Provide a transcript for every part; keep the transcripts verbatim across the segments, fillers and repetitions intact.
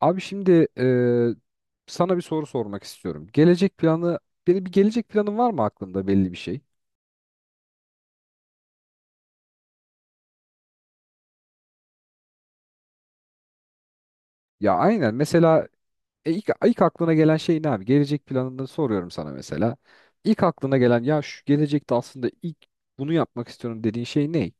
Abi şimdi eee, sana bir soru sormak istiyorum. Gelecek planı, bir, bir gelecek planın var mı aklında belli bir şey? Ya aynen mesela e, ilk, ilk aklına gelen şey ne abi? Gelecek planını soruyorum sana mesela. İlk aklına gelen ya şu gelecekte aslında ilk bunu yapmak istiyorum dediğin şey ne?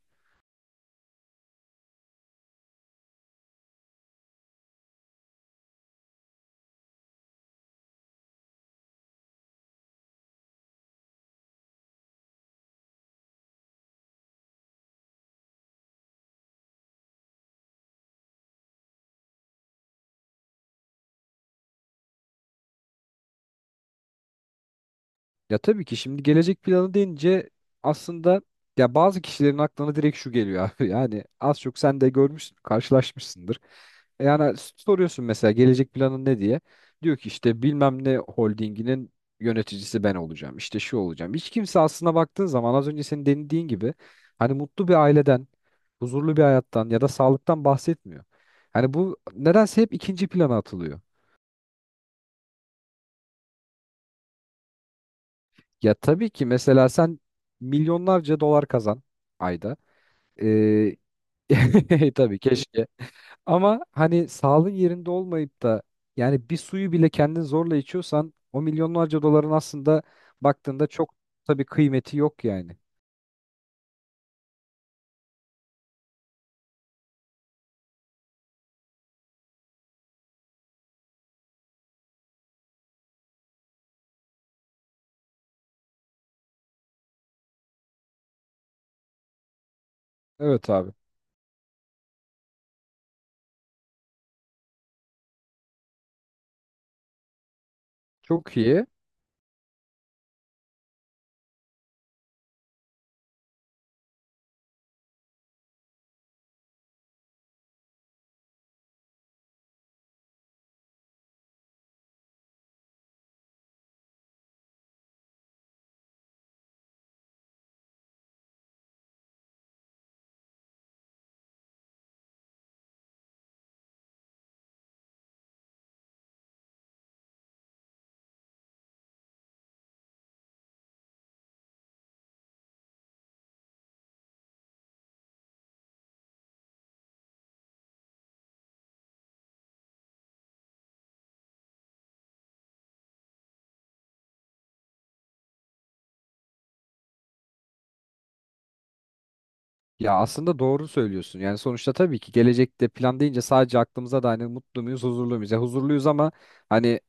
Ya tabii ki şimdi gelecek planı deyince aslında ya bazı kişilerin aklına direkt şu geliyor abi. Yani az çok sen de görmüşsün, karşılaşmışsındır. E, Yani s- soruyorsun mesela gelecek planın ne diye. Diyor ki işte bilmem ne holdinginin yöneticisi ben olacağım. İşte şu olacağım. Hiç kimse aslına baktığın zaman az önce senin denediğin gibi hani mutlu bir aileden, huzurlu bir hayattan ya da sağlıktan bahsetmiyor. Hani bu nedense hep ikinci plana atılıyor. Ya tabii ki mesela sen milyonlarca dolar kazan ayda. Ee, tabii keşke. Ama hani sağlığın yerinde olmayıp da yani bir suyu bile kendin zorla içiyorsan o milyonlarca doların aslında baktığında çok tabii kıymeti yok yani. Evet abi. Çok iyi. Ya aslında doğru söylüyorsun. Yani sonuçta tabii ki gelecekte plan deyince sadece aklımıza da hani mutlu muyuz, huzurlu muyuz? Ya huzurluyuz ama hani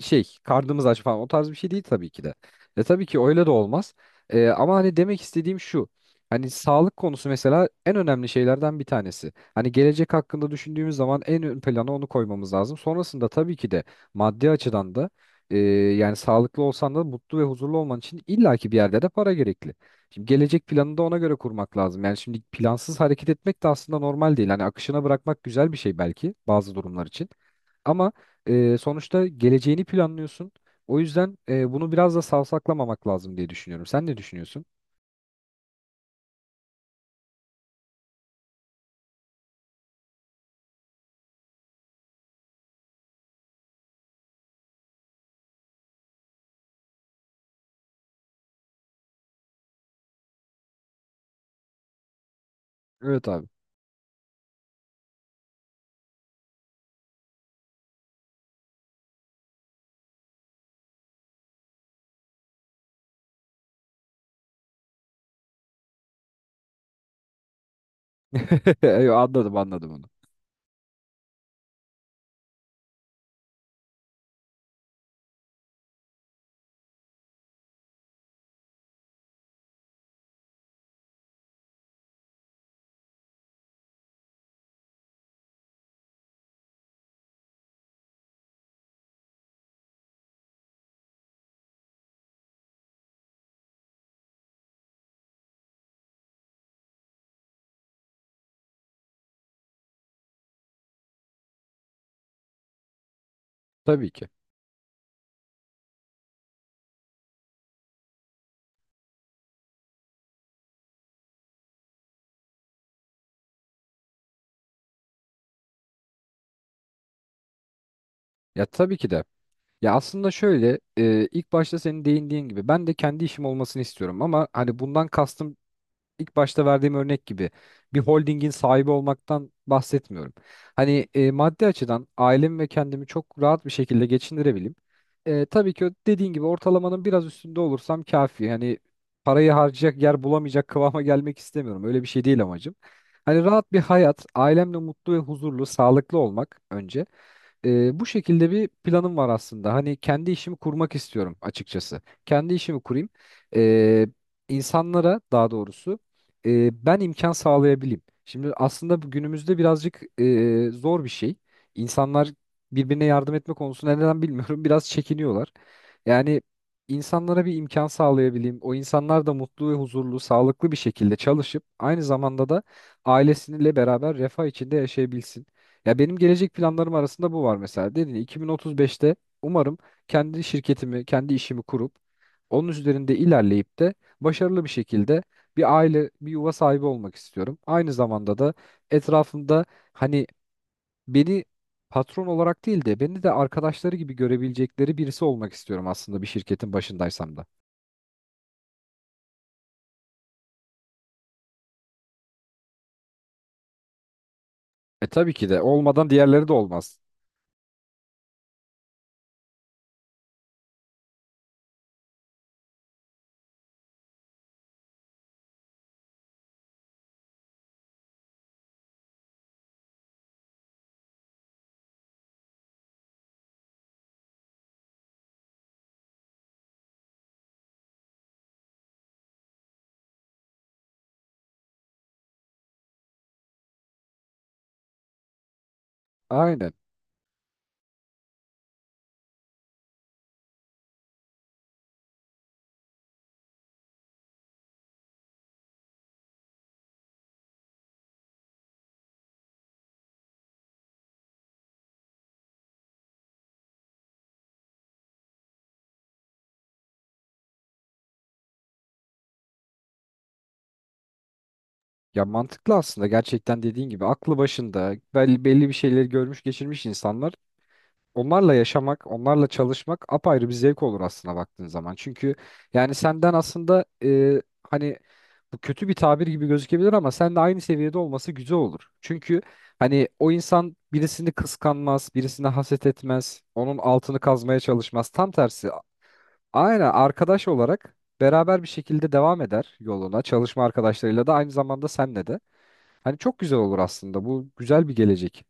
şey karnımız aç falan o tarz bir şey değil tabii ki de. E tabii ki öyle de olmaz. E, ama hani demek istediğim şu. Hani sağlık konusu mesela en önemli şeylerden bir tanesi. Hani gelecek hakkında düşündüğümüz zaman en ön plana onu koymamız lazım. Sonrasında tabii ki de maddi açıdan da e, yani sağlıklı olsan da mutlu ve huzurlu olman için illaki bir yerde de para gerekli. Şimdi gelecek planını da ona göre kurmak lazım. Yani şimdi plansız hareket etmek de aslında normal değil. Hani akışına bırakmak güzel bir şey belki bazı durumlar için. Ama e, sonuçta geleceğini planlıyorsun. O yüzden e, bunu biraz da savsaklamamak lazım diye düşünüyorum. Sen ne düşünüyorsun? Evet abi. Yo, anladım anladım onu. Tabii ki. Ya tabii ki de. Ya aslında şöyle e, ilk başta senin değindiğin gibi ben de kendi işim olmasını istiyorum ama hani bundan kastım ilk başta verdiğim örnek gibi bir holdingin sahibi olmaktan bahsetmiyorum. Hani e, maddi açıdan ailemi ve kendimi çok rahat bir şekilde geçindirebileyim. E, tabii ki dediğin gibi ortalamanın biraz üstünde olursam kafi. Yani parayı harcayacak yer bulamayacak kıvama gelmek istemiyorum. Öyle bir şey değil amacım. Hani rahat bir hayat, ailemle mutlu ve huzurlu, sağlıklı olmak önce. E, bu şekilde bir planım var aslında. Hani kendi işimi kurmak istiyorum açıkçası. Kendi işimi kurayım. E, insanlara daha doğrusu e, ben imkan sağlayabileyim. Şimdi aslında bu günümüzde birazcık e, zor bir şey. İnsanlar birbirine yardım etme konusunda neden bilmiyorum biraz çekiniyorlar. Yani insanlara bir imkan sağlayabileyim. O insanlar da mutlu ve huzurlu, sağlıklı bir şekilde çalışıp aynı zamanda da ailesiyle beraber refah içinde yaşayabilsin. Ya benim gelecek planlarım arasında bu var mesela. Dedin ya, iki bin otuz beşte umarım kendi şirketimi, kendi işimi kurup onun üzerinde ilerleyip de başarılı bir şekilde bir aile, bir yuva sahibi olmak istiyorum. Aynı zamanda da etrafımda hani beni patron olarak değil de beni de arkadaşları gibi görebilecekleri birisi olmak istiyorum aslında bir şirketin başındaysam da. E tabii ki de olmadan diğerleri de olmaz. Aynen. Ya mantıklı aslında gerçekten dediğin gibi aklı başında belli, belli bir şeyleri görmüş geçirmiş insanlar onlarla yaşamak, onlarla çalışmak apayrı bir zevk olur aslında baktığın zaman. Çünkü yani senden aslında e, hani bu kötü bir tabir gibi gözükebilir ama sen de aynı seviyede olması güzel olur. Çünkü hani o insan birisini kıskanmaz, birisine haset etmez, onun altını kazmaya çalışmaz. Tam tersi. Aynen arkadaş olarak beraber bir şekilde devam eder yoluna. Çalışma arkadaşlarıyla da aynı zamanda senle de. Hani çok güzel olur aslında. Bu güzel bir gelecek.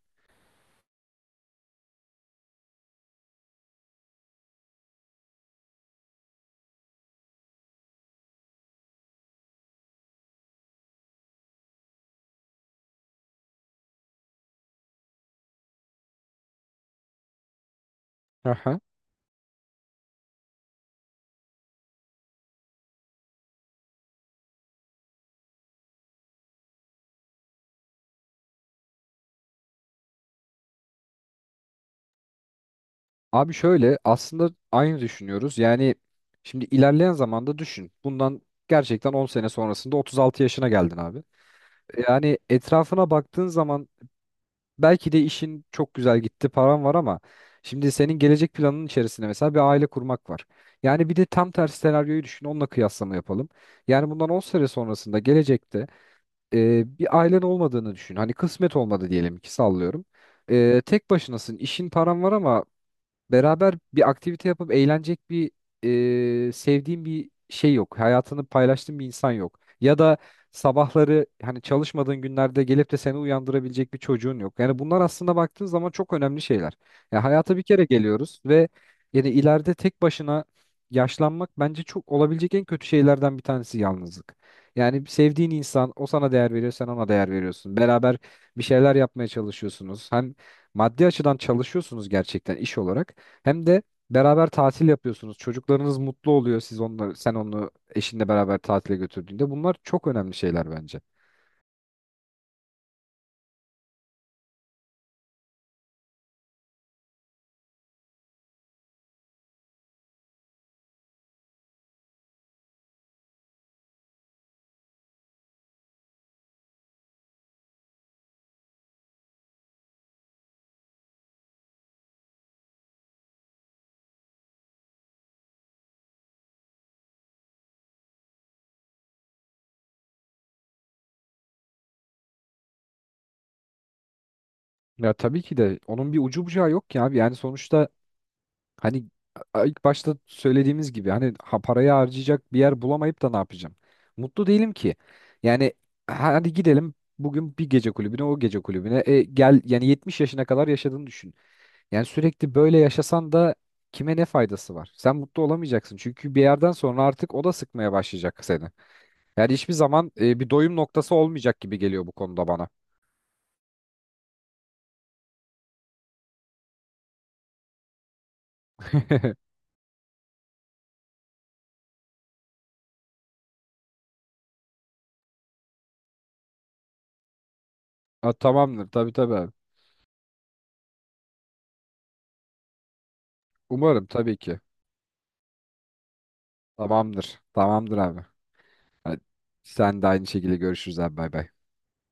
Abi şöyle aslında aynı düşünüyoruz. Yani şimdi ilerleyen zamanda düşün. Bundan gerçekten on sene sonrasında otuz altı yaşına geldin abi. Yani etrafına baktığın zaman belki de işin çok güzel gitti, paran var ama şimdi senin gelecek planının içerisinde mesela bir aile kurmak var. Yani bir de tam tersi senaryoyu düşün, onunla kıyaslama yapalım. Yani bundan on sene sonrasında gelecekte e, bir ailen olmadığını düşün. Hani kısmet olmadı diyelim ki sallıyorum. E, tek başınasın, işin paran var ama beraber bir aktivite yapıp eğlenecek bir e, sevdiğim bir şey yok. Hayatını paylaştığın bir insan yok. Ya da sabahları hani çalışmadığın günlerde gelip de seni uyandırabilecek bir çocuğun yok. Yani bunlar aslında baktığın zaman çok önemli şeyler. Ya hayata bir kere geliyoruz ve yani ileride tek başına yaşlanmak bence çok olabilecek en kötü şeylerden bir tanesi yalnızlık. Yani sevdiğin insan o sana değer veriyor, sen ona değer veriyorsun. Beraber bir şeyler yapmaya çalışıyorsunuz. Hem maddi açıdan çalışıyorsunuz gerçekten iş olarak. Hem de beraber tatil yapıyorsunuz. Çocuklarınız mutlu oluyor siz onları, sen onu eşinle beraber tatile götürdüğünde. Bunlar çok önemli şeyler bence. Ya tabii ki de onun bir ucu bucağı yok ki abi. Yani sonuçta hani a- ilk başta söylediğimiz gibi hani ha, parayı harcayacak bir yer bulamayıp da ne yapacağım? Mutlu değilim ki. Yani hadi gidelim bugün bir gece kulübüne o gece kulübüne. E, gel yani yetmiş yaşına kadar yaşadığını düşün. Yani sürekli böyle yaşasan da kime ne faydası var? Sen mutlu olamayacaksın. Çünkü bir yerden sonra artık o da sıkmaya başlayacak seni. Yani hiçbir zaman e, bir doyum noktası olmayacak gibi geliyor bu konuda bana. Ha, tamamdır tabii tabii abi. Umarım tabii ki. Tamamdır. Tamamdır abi. Hadi, sen de aynı şekilde görüşürüz abi bay bay.